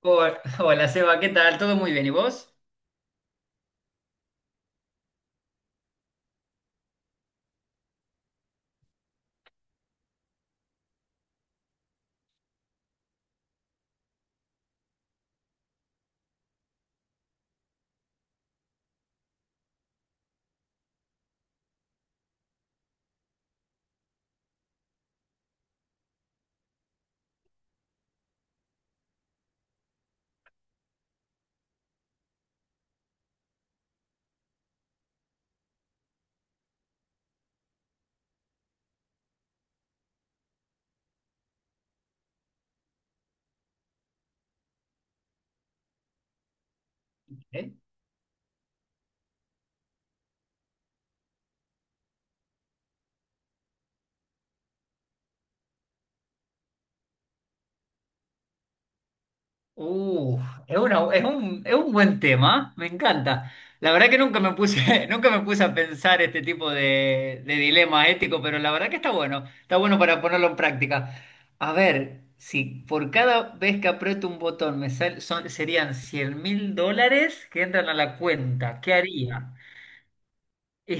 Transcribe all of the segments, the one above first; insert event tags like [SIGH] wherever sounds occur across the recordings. Hola, [LAUGHS] hola, Seba, ¿qué tal? ¿Todo muy bien? ¿Y vos? ¿Eh? Uh, es un buen tema, me encanta. La verdad que nunca me puse, [LAUGHS] nunca me puse a pensar este tipo de dilema ético, pero la verdad que está bueno para ponerlo en práctica. A ver, si por cada vez que aprieto un botón serían $100.000 que entran a la cuenta, ¿qué haría? Y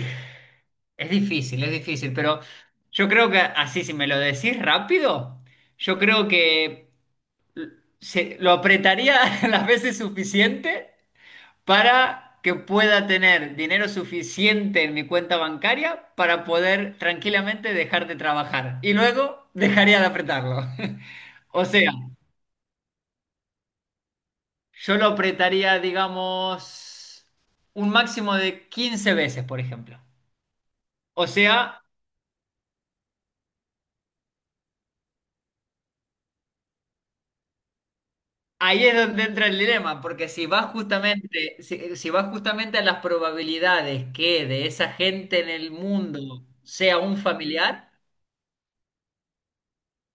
es difícil, es difícil, pero yo creo que así, si me lo decís rápido, yo creo que lo apretaría [LAUGHS] las veces suficiente para que pueda tener dinero suficiente en mi cuenta bancaria para poder tranquilamente dejar de trabajar. Y luego dejaría de apretarlo. [LAUGHS] O sea, yo lo apretaría, digamos, un máximo de 15 veces, por ejemplo. O sea, ahí es donde entra el dilema, porque si vas justamente a las probabilidades que de esa gente en el mundo sea un familiar.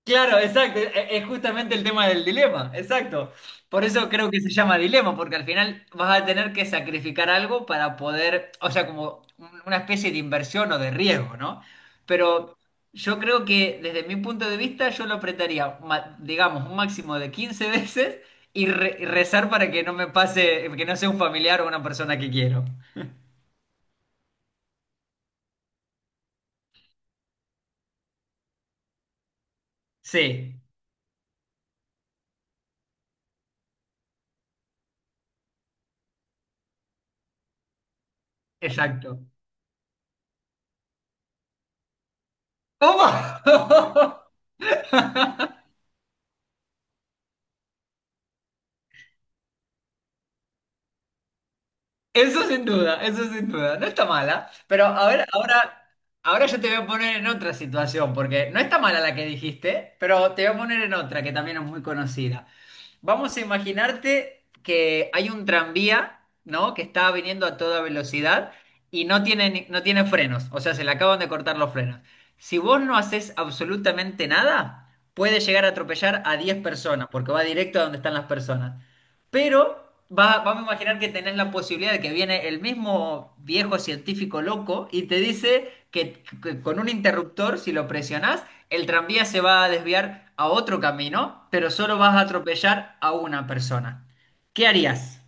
Claro, exacto, es justamente el tema del dilema, exacto. Por eso creo que se llama dilema, porque al final vas a tener que sacrificar algo para poder, o sea, como una especie de inversión o de riesgo, ¿no? Pero yo creo que desde mi punto de vista yo lo apretaría, digamos, un máximo de 15 veces y, y rezar para que no me pase, que no sea un familiar o una persona que quiero. Sí, exacto. ¿Cómo? [LAUGHS] Eso sin duda, eso sin duda. No está mala, pero a ver, ahora, yo te voy a poner en otra situación, porque no está mala la que dijiste, pero te voy a poner en otra que también es muy conocida. Vamos a imaginarte que hay un tranvía, ¿no? Que está viniendo a toda velocidad y no tiene frenos, o sea, se le acaban de cortar los frenos. Si vos no haces absolutamente nada, puede llegar a atropellar a 10 personas, porque va directo a donde están las personas. Pero vamos a imaginar que tenés la posibilidad de que viene el mismo viejo científico loco y te dice que con un interruptor, si lo presionás, el tranvía se va a desviar a otro camino, pero solo vas a atropellar a una persona. ¿Qué harías?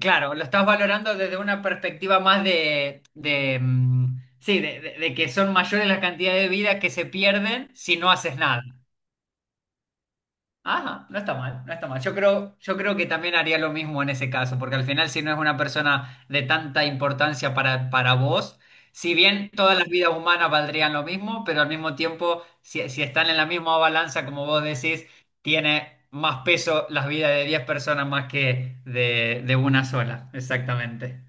Claro, lo estás valorando desde una perspectiva más de, mm, sí, de que son mayores las cantidades de vidas que se pierden si no haces nada. Ajá, no está mal, no está mal. Yo creo que también haría lo mismo en ese caso, porque al final si no es una persona de tanta importancia para vos, si bien todas las vidas humanas valdrían lo mismo, pero al mismo tiempo, si, si están en la misma balanza, como vos decís, tiene más peso las vidas de 10 personas más que de una sola, exactamente.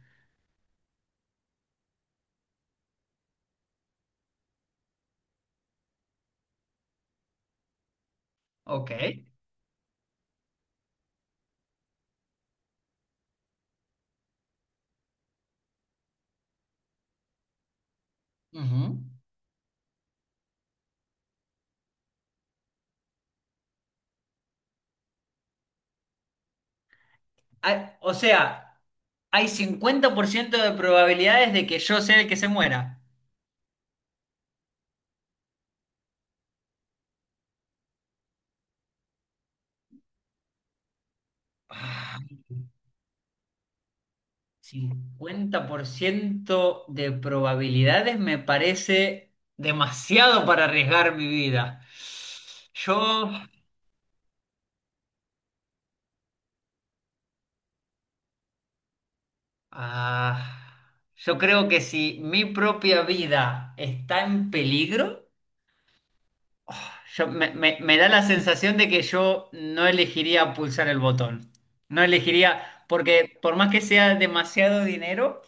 Ok. Ujú. Ah, o sea, hay 50% de probabilidades de que yo sea el que se muera. Ah. 50% de probabilidades me parece demasiado para arriesgar mi vida. Yo, ah, yo creo que si mi propia vida está en peligro, me da la sensación de que yo no elegiría pulsar el botón. No elegiría, porque por más que sea demasiado dinero,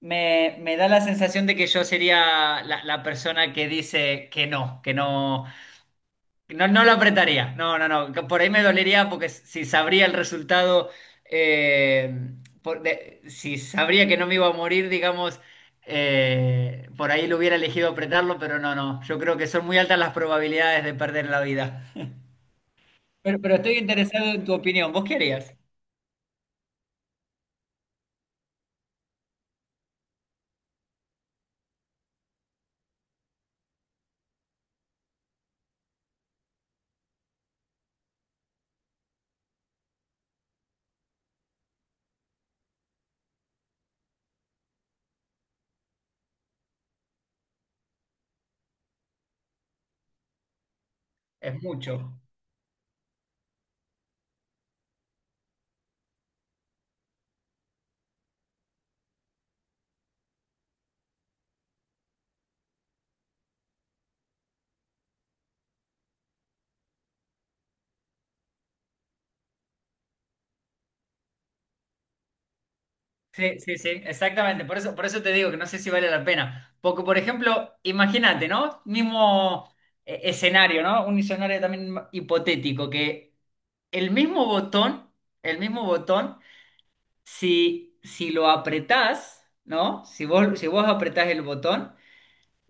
me da la sensación de que yo sería la, la persona que dice que no, que no. No, no lo apretaría. No, no, no. Por ahí me dolería porque si sabría el resultado, eh, si sabría que no me iba a morir, digamos, por ahí lo hubiera elegido apretarlo, pero no, no. Yo creo que son muy altas las probabilidades de perder la vida. Pero estoy interesado en tu opinión. ¿Vos qué harías? Es mucho. Sí, sí, sí, exactamente. Por eso te digo que no sé si vale la pena. Porque, por ejemplo, imagínate, ¿no? Mismo escenario, ¿no? Un escenario también hipotético, que el mismo botón, el mismo botón, si lo apretás, ¿no? Si vos apretás el botón,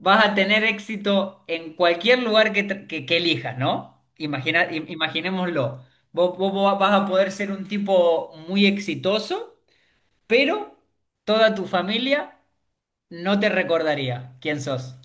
vas a tener éxito en cualquier lugar que elijas, ¿no? Imaginémoslo. Vos vas a poder ser un tipo muy exitoso, pero toda tu familia no te recordaría quién sos.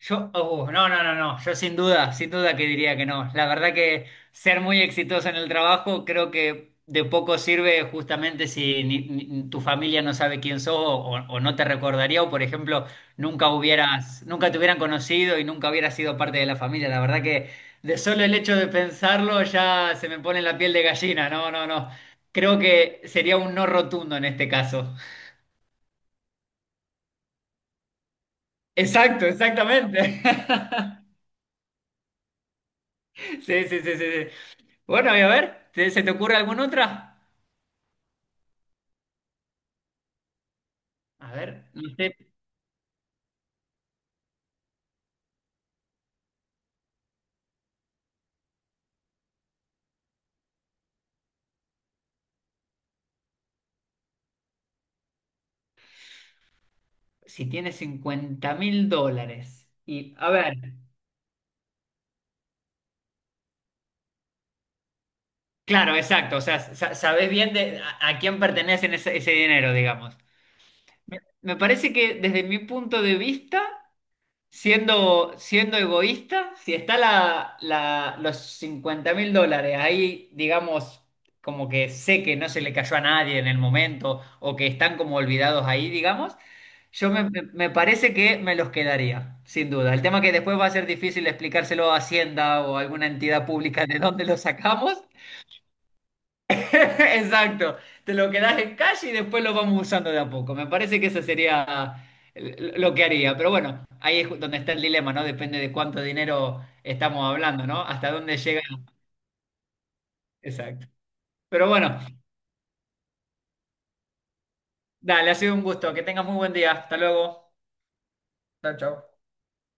Yo, no, no, no, no, yo sin duda, sin duda que diría que no. La verdad que ser muy exitoso en el trabajo creo que de poco sirve justamente si tu familia no sabe quién sos o no te recordaría o, por ejemplo, nunca te hubieran conocido y nunca hubieras sido parte de la familia. La verdad que de solo el hecho de pensarlo ya se me pone la piel de gallina. No, no, no. Creo que sería un no rotundo en este caso. Exacto, exactamente. [LAUGHS] Sí, sí, sí, sí. Sí. Bueno, y a ver, ¿se te ocurre alguna otra? A ver, no sé, si tienes $50.000. Y, a ver, claro, exacto, o sea, sabés bien a quién pertenece ese, ese dinero, digamos. Me parece que desde mi punto de vista siendo, siendo egoísta, si está los $50.000 ahí, digamos, como que sé que no se le cayó a nadie en el momento o que están como olvidados ahí, digamos, yo me parece que me los quedaría, sin duda. El tema que después va a ser difícil explicárselo a Hacienda o a alguna entidad pública de dónde los sacamos. [LAUGHS] Exacto, te lo quedas en calle y después lo vamos usando de a poco. Me parece que eso sería lo que haría. Pero bueno, ahí es donde está el dilema, ¿no? Depende de cuánto dinero estamos hablando, ¿no? Hasta dónde llega. Exacto. Pero bueno, dale, ha sido un gusto. Que tengas muy buen día. Hasta luego. Chao, chao.